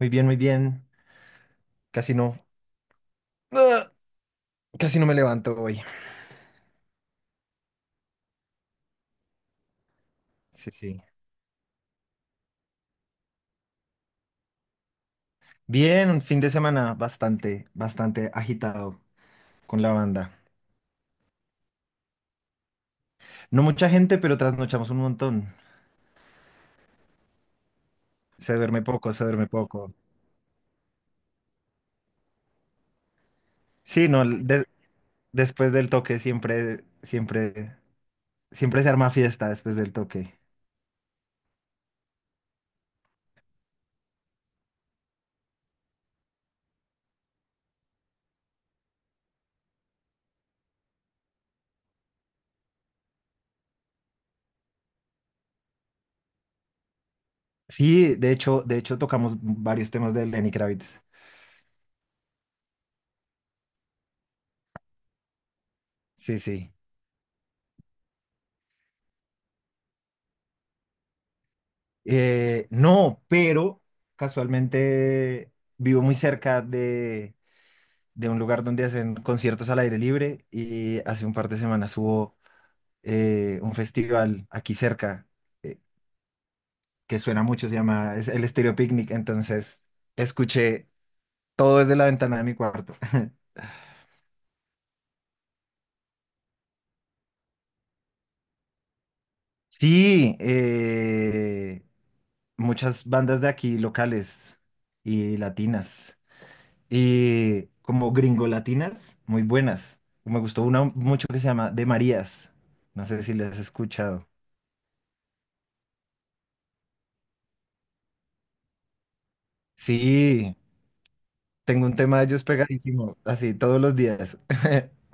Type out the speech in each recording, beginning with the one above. Muy bien, muy bien. Casi no. ¡Ugh! Casi no me levanto hoy. Sí, sí. Bien, un fin de semana bastante, bastante agitado con la banda. No mucha gente, pero trasnochamos un montón. Se duerme poco, se duerme poco. Sí, no, después del toque siempre, siempre, siempre se arma fiesta después del toque. Sí, de hecho tocamos varios temas de Lenny Kravitz. Sí, sí. No, pero casualmente vivo muy cerca de un lugar donde hacen conciertos al aire libre, y hace un par de semanas hubo un festival aquí cerca eh, que suena mucho, se llama, es el Estéreo Picnic, entonces escuché todo desde la ventana de mi cuarto. Sí, muchas bandas de aquí locales y latinas, y como gringo latinas, muy buenas. Me gustó una mucho que se llama De Marías. No sé si las has escuchado. Sí, tengo un tema de ellos pegadísimo, así todos los días.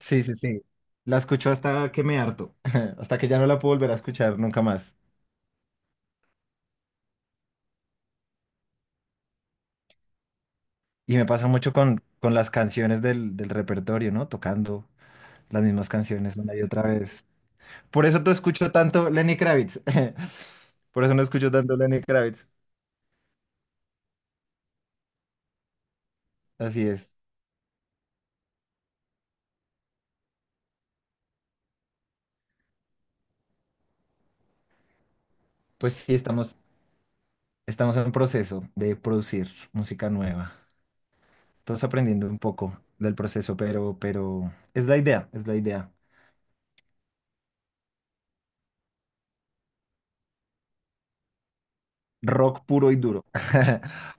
Sí, sí, sí. La escucho hasta que me harto, hasta que ya no la puedo volver a escuchar nunca más. Y me pasa mucho con las canciones del repertorio, ¿no? Tocando las mismas canciones una y otra vez. Por eso no escucho tanto Lenny Kravitz. Por eso no escucho tanto Lenny Kravitz. Así es. Pues sí, estamos en proceso de producir música nueva. Todos aprendiendo un poco del proceso, pero es la idea, es la idea. Rock puro y duro.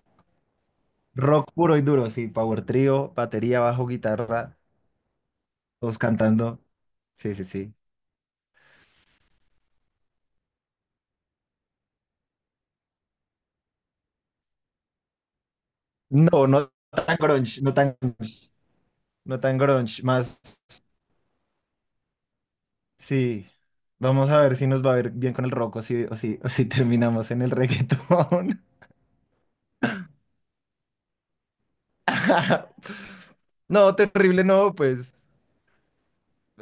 Rock puro y duro, sí. Power trío, batería, bajo, guitarra, todos cantando. Sí, sí, sí. No, no tan grunge, no tan grunge, no tan grunge. Más, sí. Vamos a ver si nos va a ver bien con el rock, o si, o si, o si terminamos en el reggaetón. No, terrible no, pues.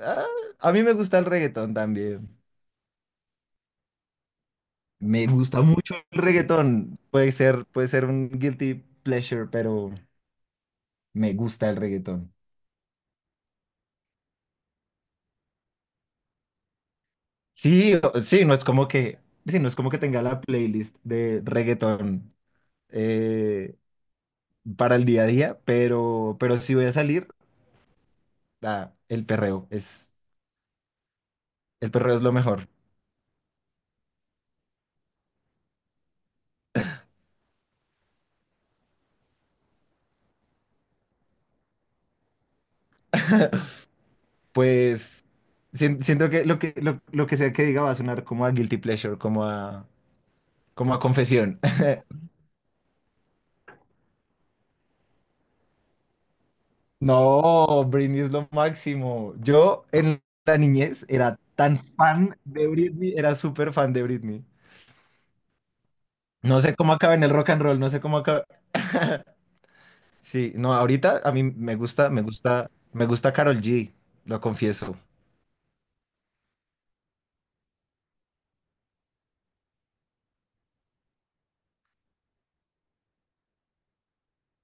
ah, a mí me gusta el reggaetón también. Me gusta mucho el reggaetón. Puede ser un guilty pleasure, pero me gusta el reggaetón. Sí, sí, no es como que, sí, no es como que tenga la playlist de reggaetón eh, para el día a día, pero si voy a salir, ah, el perreo es lo mejor. Pues siento que lo que sea que diga va a sonar como a guilty pleasure, como a, como a confesión. No, Britney es lo máximo. Yo en la niñez era tan fan de Britney, era súper fan de Britney. No sé cómo acaba en el rock and roll, no sé cómo acaba. Sí, no, ahorita a mí me gusta, me gusta, me gusta Karol G, lo confieso.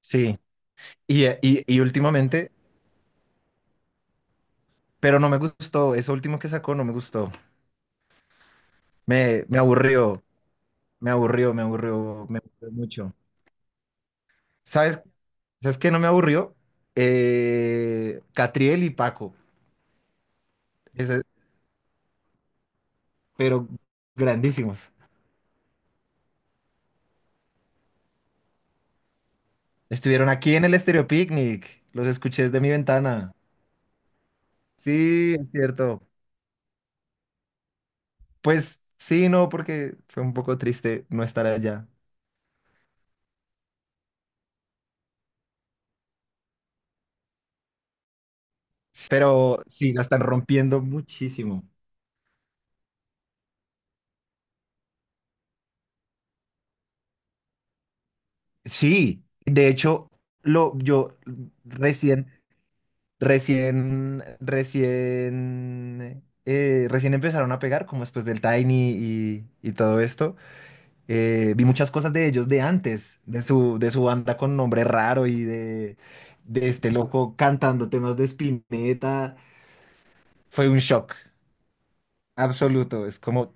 Sí, y últimamente, pero no me gustó, eso último que sacó no me gustó. Me aburrió, me aburrió, me aburrió, me aburrió mucho. ¿Sabes? ¿Sabes qué no me aburrió? Catriel y Paco, ese- pero grandísimos. Estuvieron aquí en el Estéreo Picnic, los escuché desde mi ventana. Sí, es cierto. Pues sí, no, porque fue un poco triste no estar allá. Pero sí, la están rompiendo muchísimo. Sí, de hecho, lo, yo recién, recién, recién empezaron a pegar, como después del Tiny y todo esto. Vi muchas cosas de ellos de antes, de su banda con nombre raro y de este loco cantando temas de Spinetta. Fue un shock absoluto. Es como,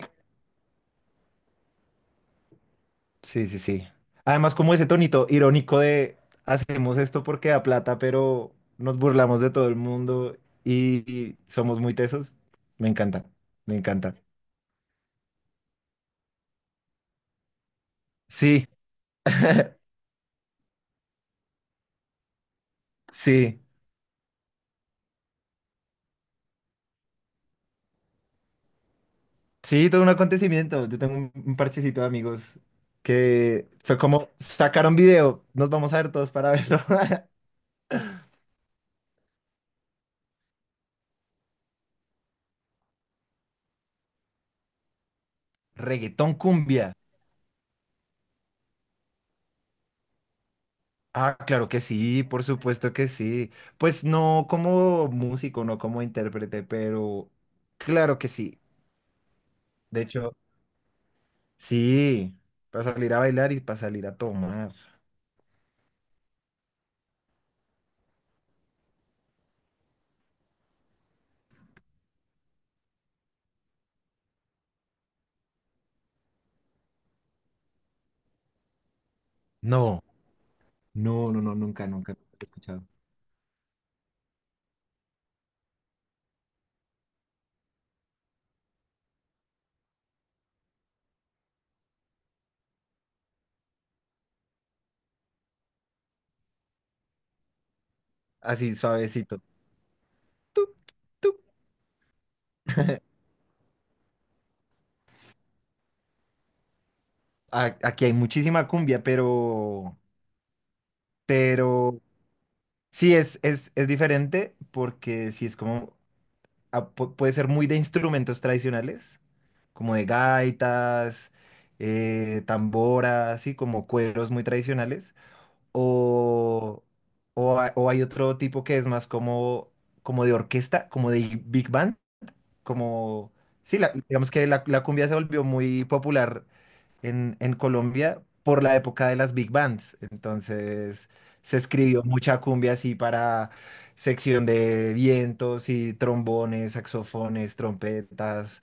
sí, sí, sí. Además, como ese tonito irónico de, hacemos esto porque da plata, pero nos burlamos de todo el mundo y, y somos muy tesos. Me encanta, me encanta. Sí, sí, sí, todo un acontecimiento. Yo tengo un parchecito de amigos que fue como, sacaron video, nos vamos a ver todos para verlo. Reggaetón cumbia. Ah, claro que sí, por supuesto que sí. Pues no como músico, no como intérprete, pero claro que sí. De hecho, sí, para salir a bailar y para salir a tomar. No, no, no, no, nunca, nunca lo he escuchado. Así suavecito. Tup, tup. Aquí hay muchísima cumbia, pero sí es diferente porque sí es como, ah, puede ser muy de instrumentos tradicionales, como de gaitas, tamboras, así como cueros muy tradicionales, o, o hay otro tipo que es más como, como de orquesta, como de big band, como... Sí, digamos que la cumbia se volvió muy popular en Colombia por la época de las big bands. Entonces se escribió mucha cumbia así para sección de vientos y trombones, saxofones, trompetas.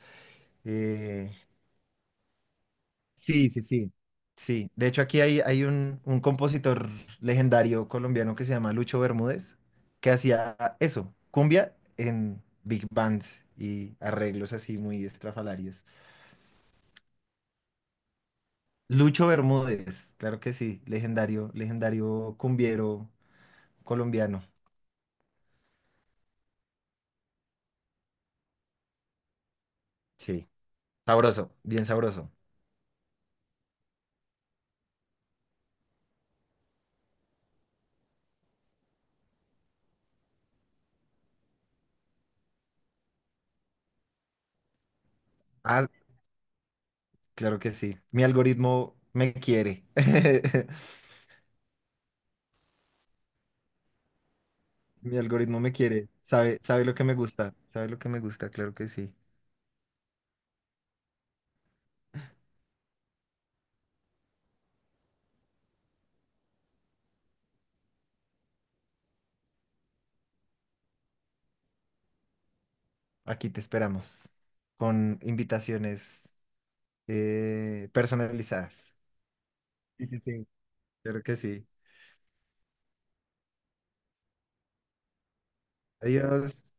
eh, Sí, sí, sí. Sí. De hecho, aquí hay, hay un compositor legendario colombiano que se llama Lucho Bermúdez, que hacía eso, cumbia en big bands y arreglos así muy estrafalarios. Lucho Bermúdez, claro que sí, legendario, legendario cumbiero colombiano. Sí. Sabroso, bien sabroso. Ah, claro que sí. Mi algoritmo me quiere. Mi algoritmo me quiere. Sabe, sabe lo que me gusta. Sabe lo que me gusta, claro que sí. Aquí te esperamos con invitaciones personalizadas. Sí, sí, sí. Claro que sí. Adiós.